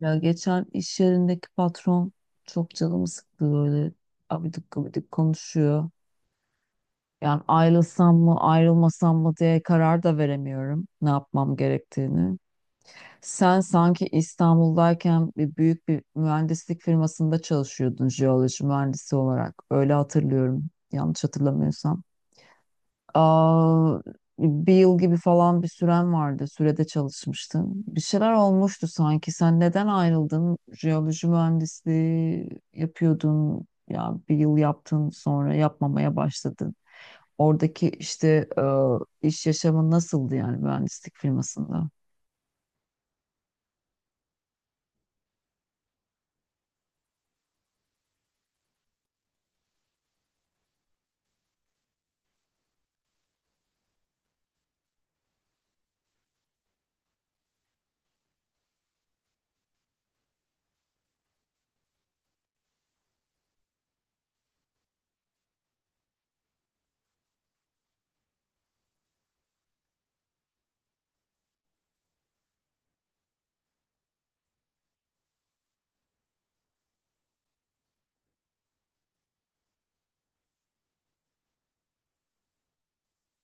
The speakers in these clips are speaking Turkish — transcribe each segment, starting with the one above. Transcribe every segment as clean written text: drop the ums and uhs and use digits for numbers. Ya geçen iş yerindeki patron çok canımı sıktı böyle, abidik gubidik konuşuyor. Yani ayrılsam mı ayrılmasam mı diye karar da veremiyorum ne yapmam gerektiğini. Sen sanki İstanbul'dayken büyük bir mühendislik firmasında çalışıyordun jeoloji mühendisi olarak. Öyle hatırlıyorum yanlış hatırlamıyorsam. Aa, Bir yıl gibi falan bir süren vardı. Sürede çalışmıştım. Bir şeyler olmuştu sanki. Sen neden ayrıldın? Jeoloji mühendisliği yapıyordun. Ya bir yıl yaptın sonra yapmamaya başladın. Oradaki işte, iş yaşamın nasıldı yani mühendislik firmasında?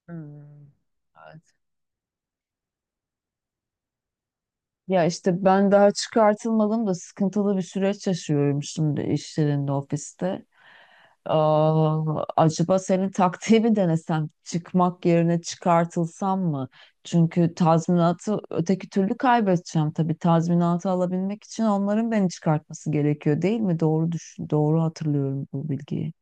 Hmm. Evet. Ya işte ben daha çıkartılmadım da sıkıntılı bir süreç yaşıyorum şimdi iş yerinde, ofiste. Acaba senin taktiği mi denesem? Çıkmak yerine çıkartılsam mı? Çünkü tazminatı öteki türlü kaybedeceğim tabii. Tazminatı alabilmek için onların beni çıkartması gerekiyor değil mi? Doğru düşün, doğru hatırlıyorum bu bilgiyi.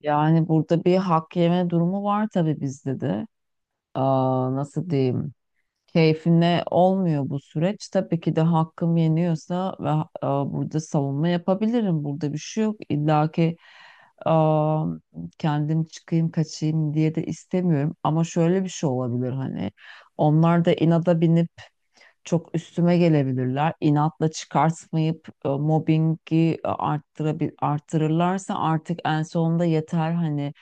Yani burada bir hak yeme durumu var tabii bizde de. Aa, nasıl diyeyim? Keyfine olmuyor bu süreç. Tabii ki de hakkım yeniyorsa ve burada savunma yapabilirim. Burada bir şey yok. İlla ki, e, kendim çıkayım kaçayım diye de istemiyorum. Ama şöyle bir şey olabilir hani. Onlar da inada binip çok üstüme gelebilirler. İnatla çıkartmayıp mobbingi e, arttırabil arttırırlarsa artık en sonunda yeter hani,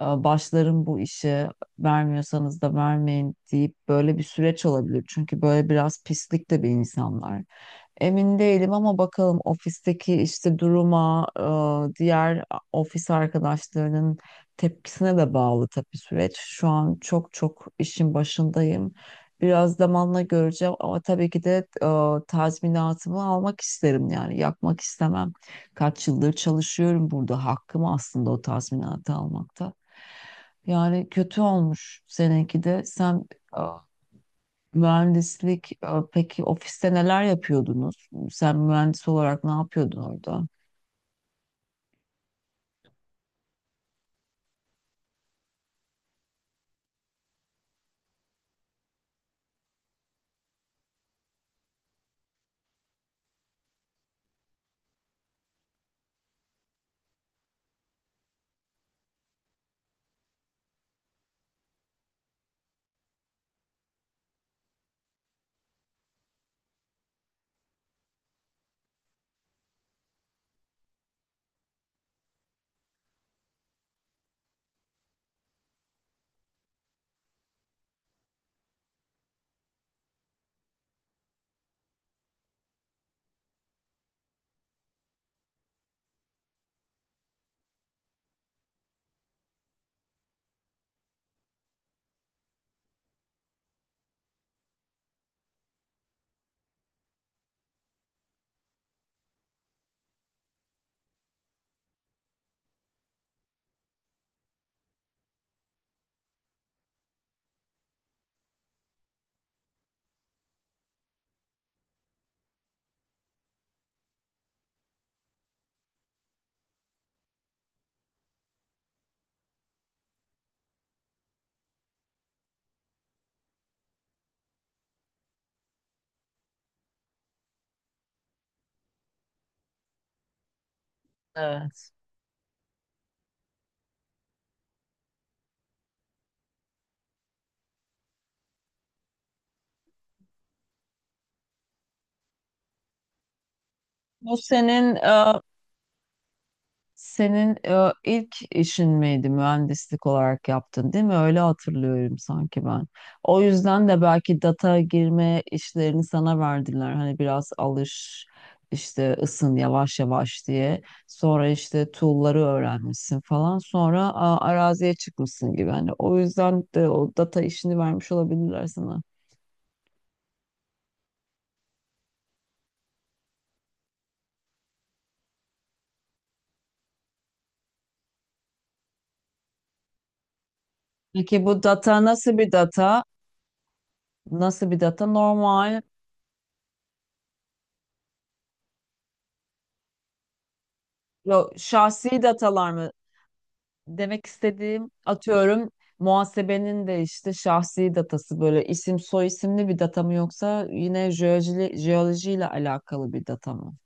başlarım bu işe, vermiyorsanız da vermeyin deyip böyle bir süreç olabilir. Çünkü böyle biraz pislik de bir insanlar. Emin değilim ama bakalım ofisteki işte duruma, diğer ofis arkadaşlarının tepkisine de bağlı tabii süreç. Şu an çok çok işin başındayım. Biraz zamanla göreceğim ama tabii ki de tazminatımı almak isterim yani yakmak istemem. Kaç yıldır çalışıyorum burada, hakkım aslında o tazminatı almakta. Yani kötü olmuş seninki de. Sen mühendislik, peki ofiste neler yapıyordunuz? Sen mühendis olarak ne yapıyordun orada? Evet. Bu senin senin ilk işin miydi mühendislik olarak yaptın değil mi? Öyle hatırlıyorum sanki ben. O yüzden de belki data girme işlerini sana verdiler. Hani biraz alış, işte ısın yavaş yavaş diye. Sonra işte tool'ları öğrenmişsin falan. Sonra araziye çıkmışsın gibi. Hani o yüzden de o data işini vermiş olabilirler sana. Peki bu data nasıl bir data? Nasıl bir data? Normal, yok, şahsi datalar mı? Demek istediğim atıyorum muhasebenin de işte şahsi datası böyle isim soy isimli bir data mı yoksa yine jeoloji, jeolojiyle alakalı bir data mı?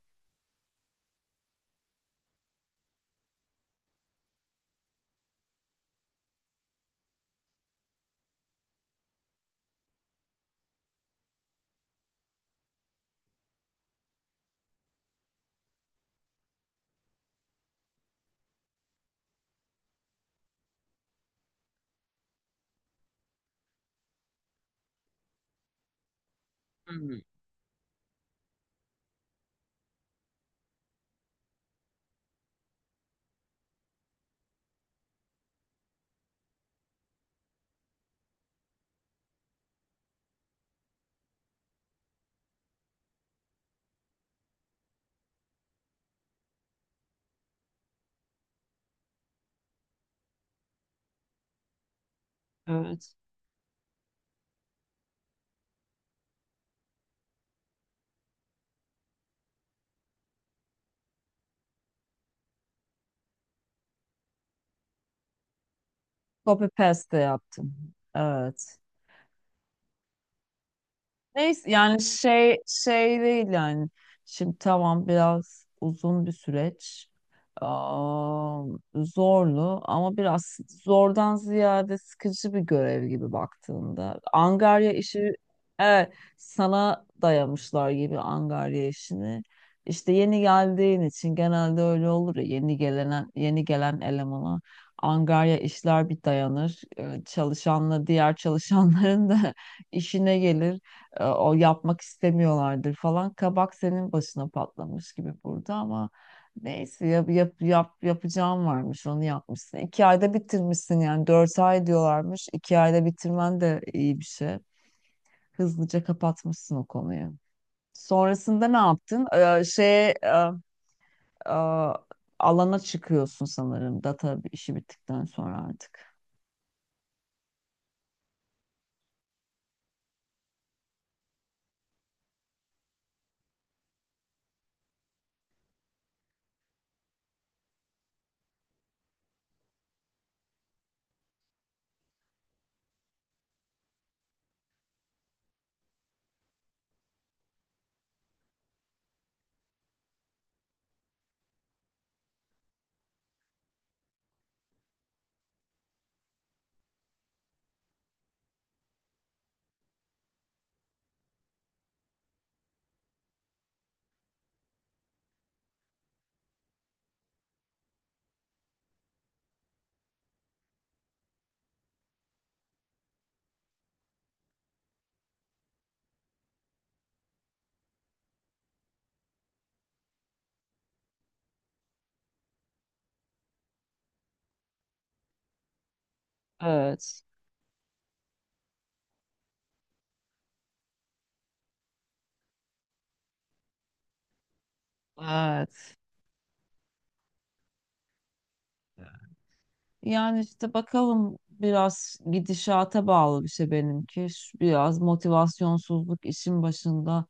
Evet. Copy paste de yaptım. Evet. Neyse yani şey değil yani. Şimdi tamam biraz uzun bir süreç. Aa, Zorlu ama biraz zordan ziyade sıkıcı bir görev gibi baktığında. Angarya işi, evet, sana dayamışlar gibi angarya işini. İşte yeni geldiğin için genelde öyle olur ya, yeni gelen elemana angarya işler bir dayanır. Çalışanla diğer çalışanların da işine gelir, o yapmak istemiyorlardır falan. Kabak senin başına patlamış gibi burada ama neyse yap, yap, yap, yapacağım varmış onu yapmışsın. İki ayda bitirmişsin yani dört ay diyorlarmış. İki ayda bitirmen de iyi bir şey. Hızlıca kapatmışsın o konuyu. Sonrasında ne yaptın? E, e, Alana çıkıyorsun sanırım data işi bittikten sonra artık. Evet. Evet. Yani işte bakalım biraz gidişata bağlı bir şey benimki. Şu, biraz motivasyonsuzluk işin başında.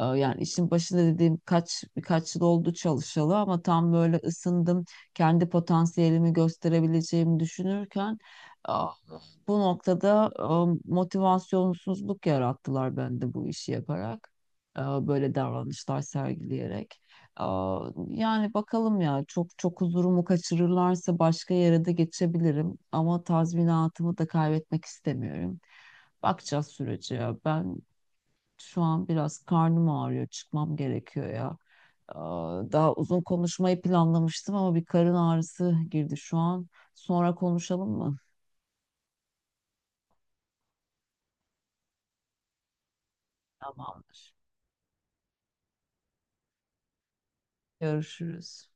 Yani işin başında dediğim birkaç yıl oldu çalışalı ama tam böyle ısındım, kendi potansiyelimi gösterebileceğimi düşünürken ah, bu noktada motivasyonsuzluk yarattılar bende bu işi yaparak. Böyle davranışlar sergileyerek. Yani bakalım ya, çok çok huzurumu kaçırırlarsa başka yere de geçebilirim ama tazminatımı da kaybetmek istemiyorum. Bakacağız sürece ya. Ben şu an biraz karnım ağrıyor, çıkmam gerekiyor ya. Daha uzun konuşmayı planlamıştım ama bir karın ağrısı girdi şu an. Sonra konuşalım mı? Tamamdır. Görüşürüz.